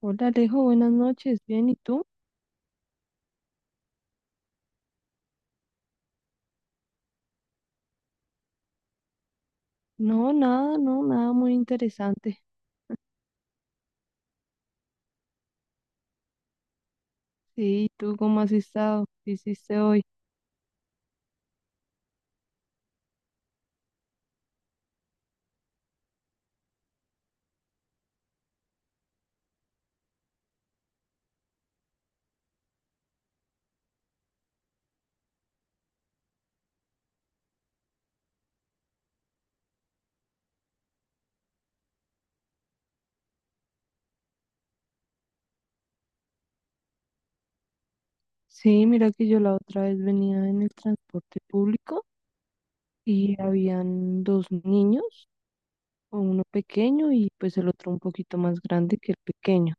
Hola Alejo, buenas noches. Bien, ¿y tú? No, nada, no, nada muy interesante. Sí, ¿y tú cómo has estado? ¿Qué hiciste hoy? Sí, mira que yo la otra vez venía en el transporte público y habían dos niños, uno pequeño y pues el otro un poquito más grande que el pequeño.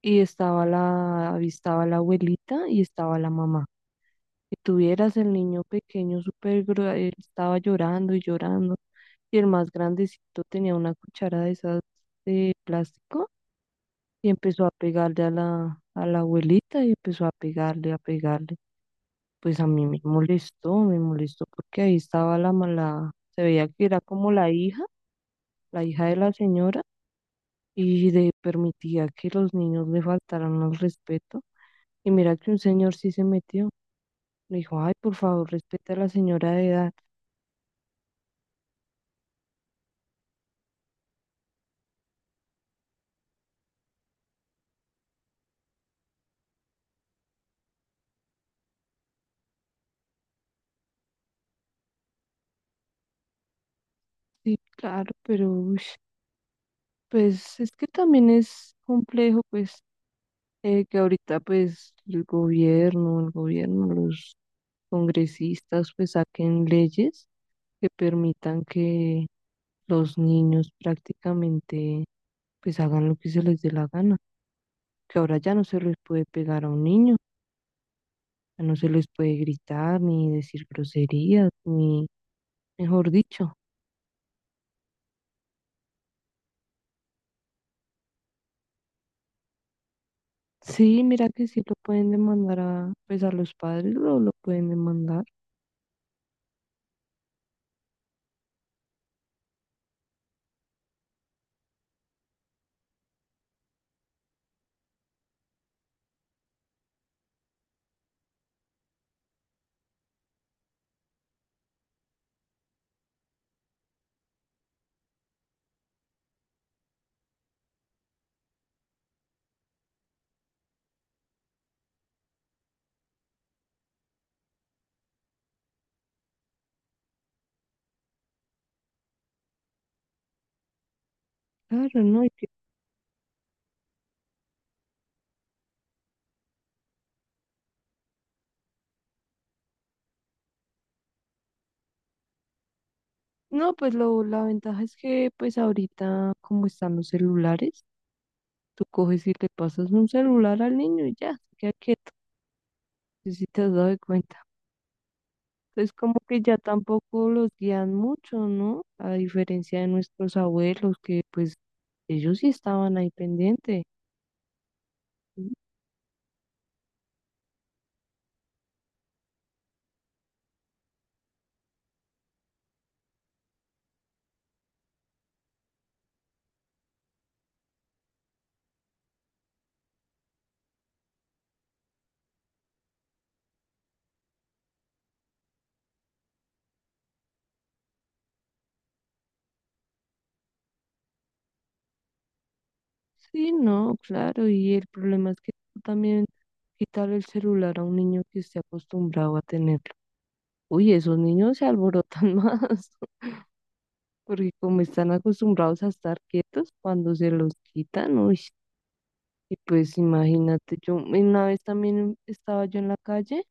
Y estaba la abuelita y estaba la mamá. Y tuvieras el niño pequeño súper, él estaba llorando y llorando, y el más grandecito tenía una cuchara de esas de plástico y empezó a pegarle a la abuelita y empezó a pegarle. Pues a mí me molestó porque ahí estaba la mala, se veía que era como la hija de la señora, y le permitía que los niños le faltaran al respeto. Y mira que un señor sí se metió. Le dijo, ay, por favor, respeta a la señora de edad. Sí, claro, pero uy, pues es que también es complejo, pues que ahorita pues los congresistas pues saquen leyes que permitan que los niños prácticamente pues hagan lo que se les dé la gana, que ahora ya no se les puede pegar a un niño, ya no se les puede gritar ni decir groserías, ni mejor dicho. Sí, mira que sí lo pueden demandar a, pues a los padres lo pueden demandar, claro, ¿no? No, pues lo, la ventaja es que pues ahorita como están los celulares, tú coges y le pasas un celular al niño y ya, se queda quieto, no sé si te has dado cuenta. Entonces como que ya tampoco los guían mucho, ¿no? A diferencia de nuestros abuelos, que pues ellos sí estaban ahí pendientes. Sí, no, claro, y el problema es que tú también quitarle el celular a un niño que esté acostumbrado a tenerlo. Uy, esos niños se alborotan más, porque como están acostumbrados a estar quietos, cuando se los quitan, uy, y pues imagínate, yo una vez también estaba yo en la calle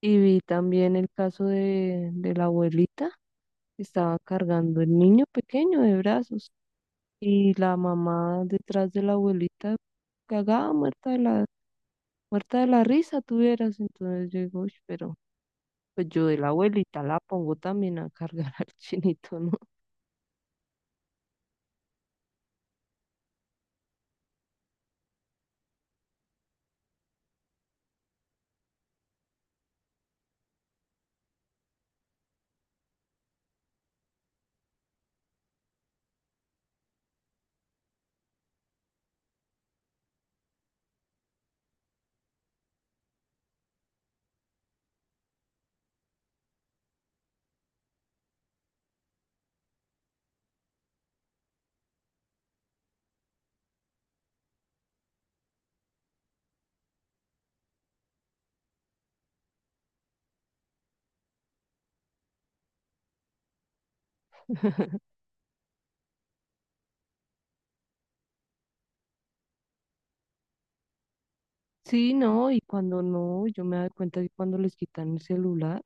y vi también el caso de la abuelita, que estaba cargando el niño pequeño de brazos, y la mamá detrás de la abuelita cagada, muerta de la risa, tuvieras, entonces yo digo, uy, pero pues yo de la abuelita la pongo también a cargar al chinito, ¿no? Sí, no, y cuando no, yo me doy cuenta que cuando les quitan el celular,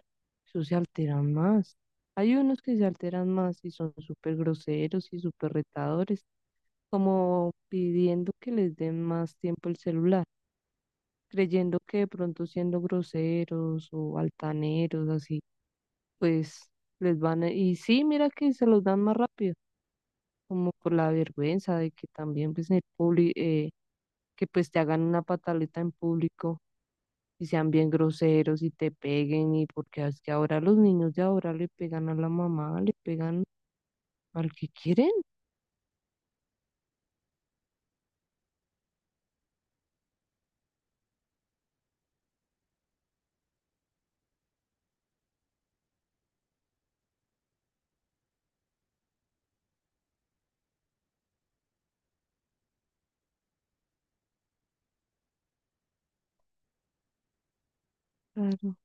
eso se alteran más. Hay unos que se alteran más y son súper groseros y súper retadores, como pidiendo que les den más tiempo el celular, creyendo que de pronto siendo groseros o altaneros, así, pues les van a... Y sí, mira que se los dan más rápido, como por la vergüenza de que también pues, en el público, que pues te hagan una pataleta en público y sean bien groseros y te peguen, y porque es que ahora los niños de ahora le pegan a la mamá, le pegan al que quieren. Claro,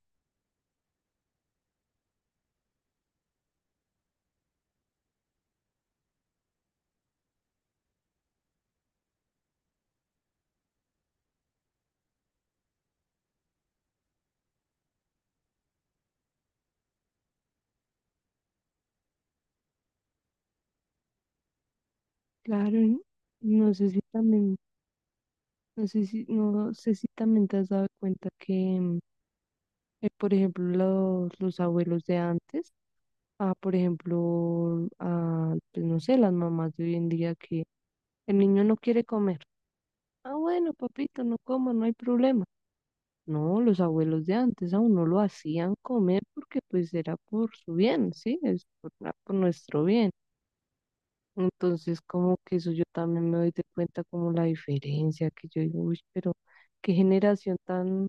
claro. No sé si también, no sé si también te has dado cuenta que, por ejemplo, los abuelos de antes, ah, por ejemplo, ah, pues no sé, las mamás de hoy en día que el niño no quiere comer. Ah, bueno, papito, no como, no hay problema. No, los abuelos de antes aún no lo hacían comer porque pues era por su bien, ¿sí? Es por, por nuestro bien. Entonces como que eso yo también me doy de cuenta como la diferencia, que yo digo, uy, pero qué generación tan,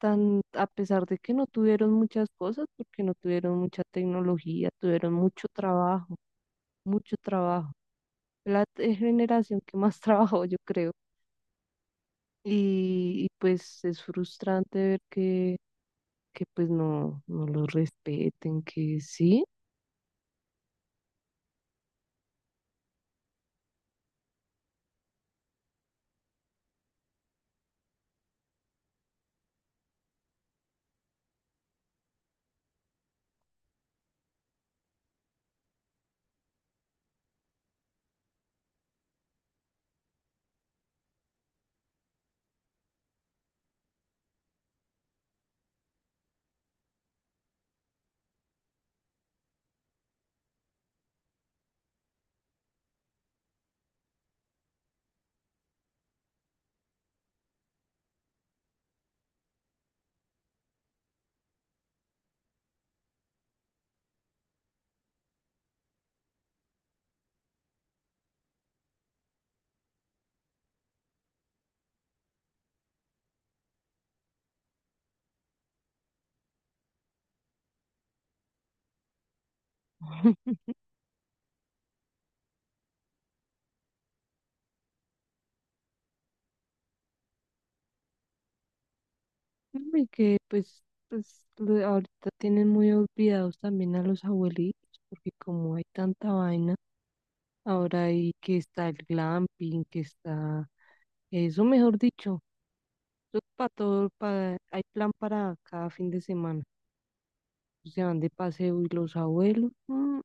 tan, a pesar de que no tuvieron muchas cosas, porque no tuvieron mucha tecnología, tuvieron mucho trabajo, mucho trabajo. La generación que más trabajó, yo creo. Y pues es frustrante ver que pues no, no los respeten, que sí, y que pues, pues ahorita tienen muy olvidados también a los abuelitos, porque como hay tanta vaina, ahora hay que está el glamping, que está, eso mejor dicho, eso para todo, para, hay plan para cada fin de semana, se van de paseo y los abuelos, mm,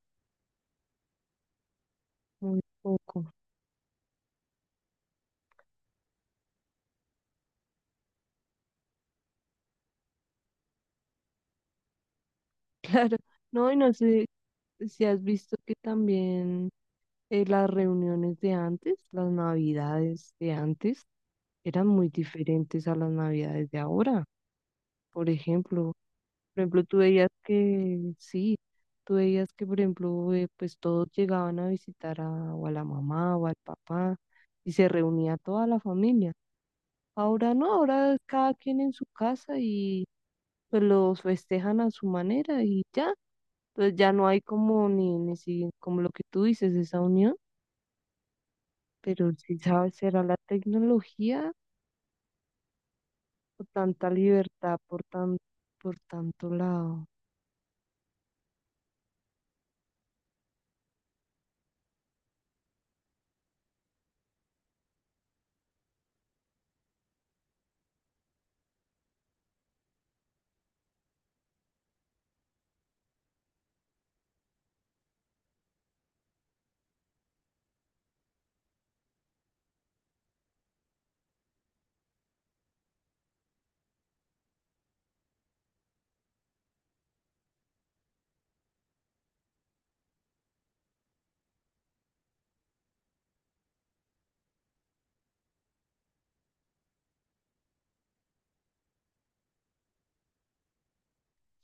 muy poco, claro, no, y no sé si has visto que también... las reuniones de antes, las navidades de antes, eran muy diferentes a las navidades de ahora. Por ejemplo, por ejemplo, tú veías que, sí, tú veías que, por ejemplo, pues todos llegaban a visitar a, o a la mamá o al papá, y se reunía toda la familia. Ahora no, ahora cada quien en su casa, y pues los festejan a su manera y ya. Entonces ya no hay como ni, ni si- como lo que tú dices, esa unión. Pero si sabes, será la tecnología o tanta libertad por por tanto lado.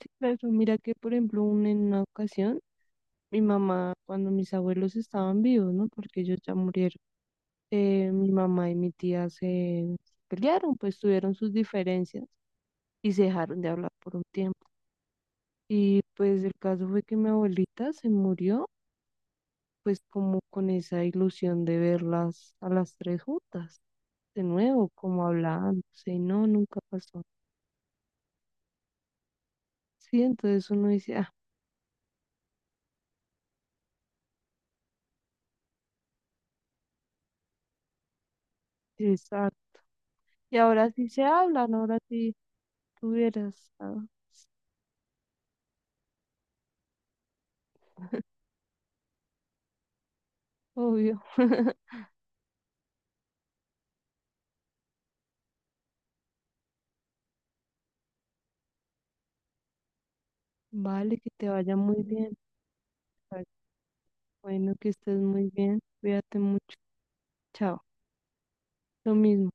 Sí, pero mira que, por ejemplo, en una ocasión, mi mamá, cuando mis abuelos estaban vivos, ¿no? Porque ellos ya murieron, mi mamá y mi tía se pelearon, pues tuvieron sus diferencias y se dejaron de hablar por un tiempo. Y pues el caso fue que mi abuelita se murió pues como con esa ilusión de verlas a las tres juntas, de nuevo, como hablándose, y no, nunca pasó. Sí, entonces uno dice, ah, exacto. Y ahora sí se hablan, ahora sí tuvieras, ah, obvio. Vale, que te vaya muy bien. Bueno, que estés muy bien. Cuídate mucho. Chao. Lo mismo.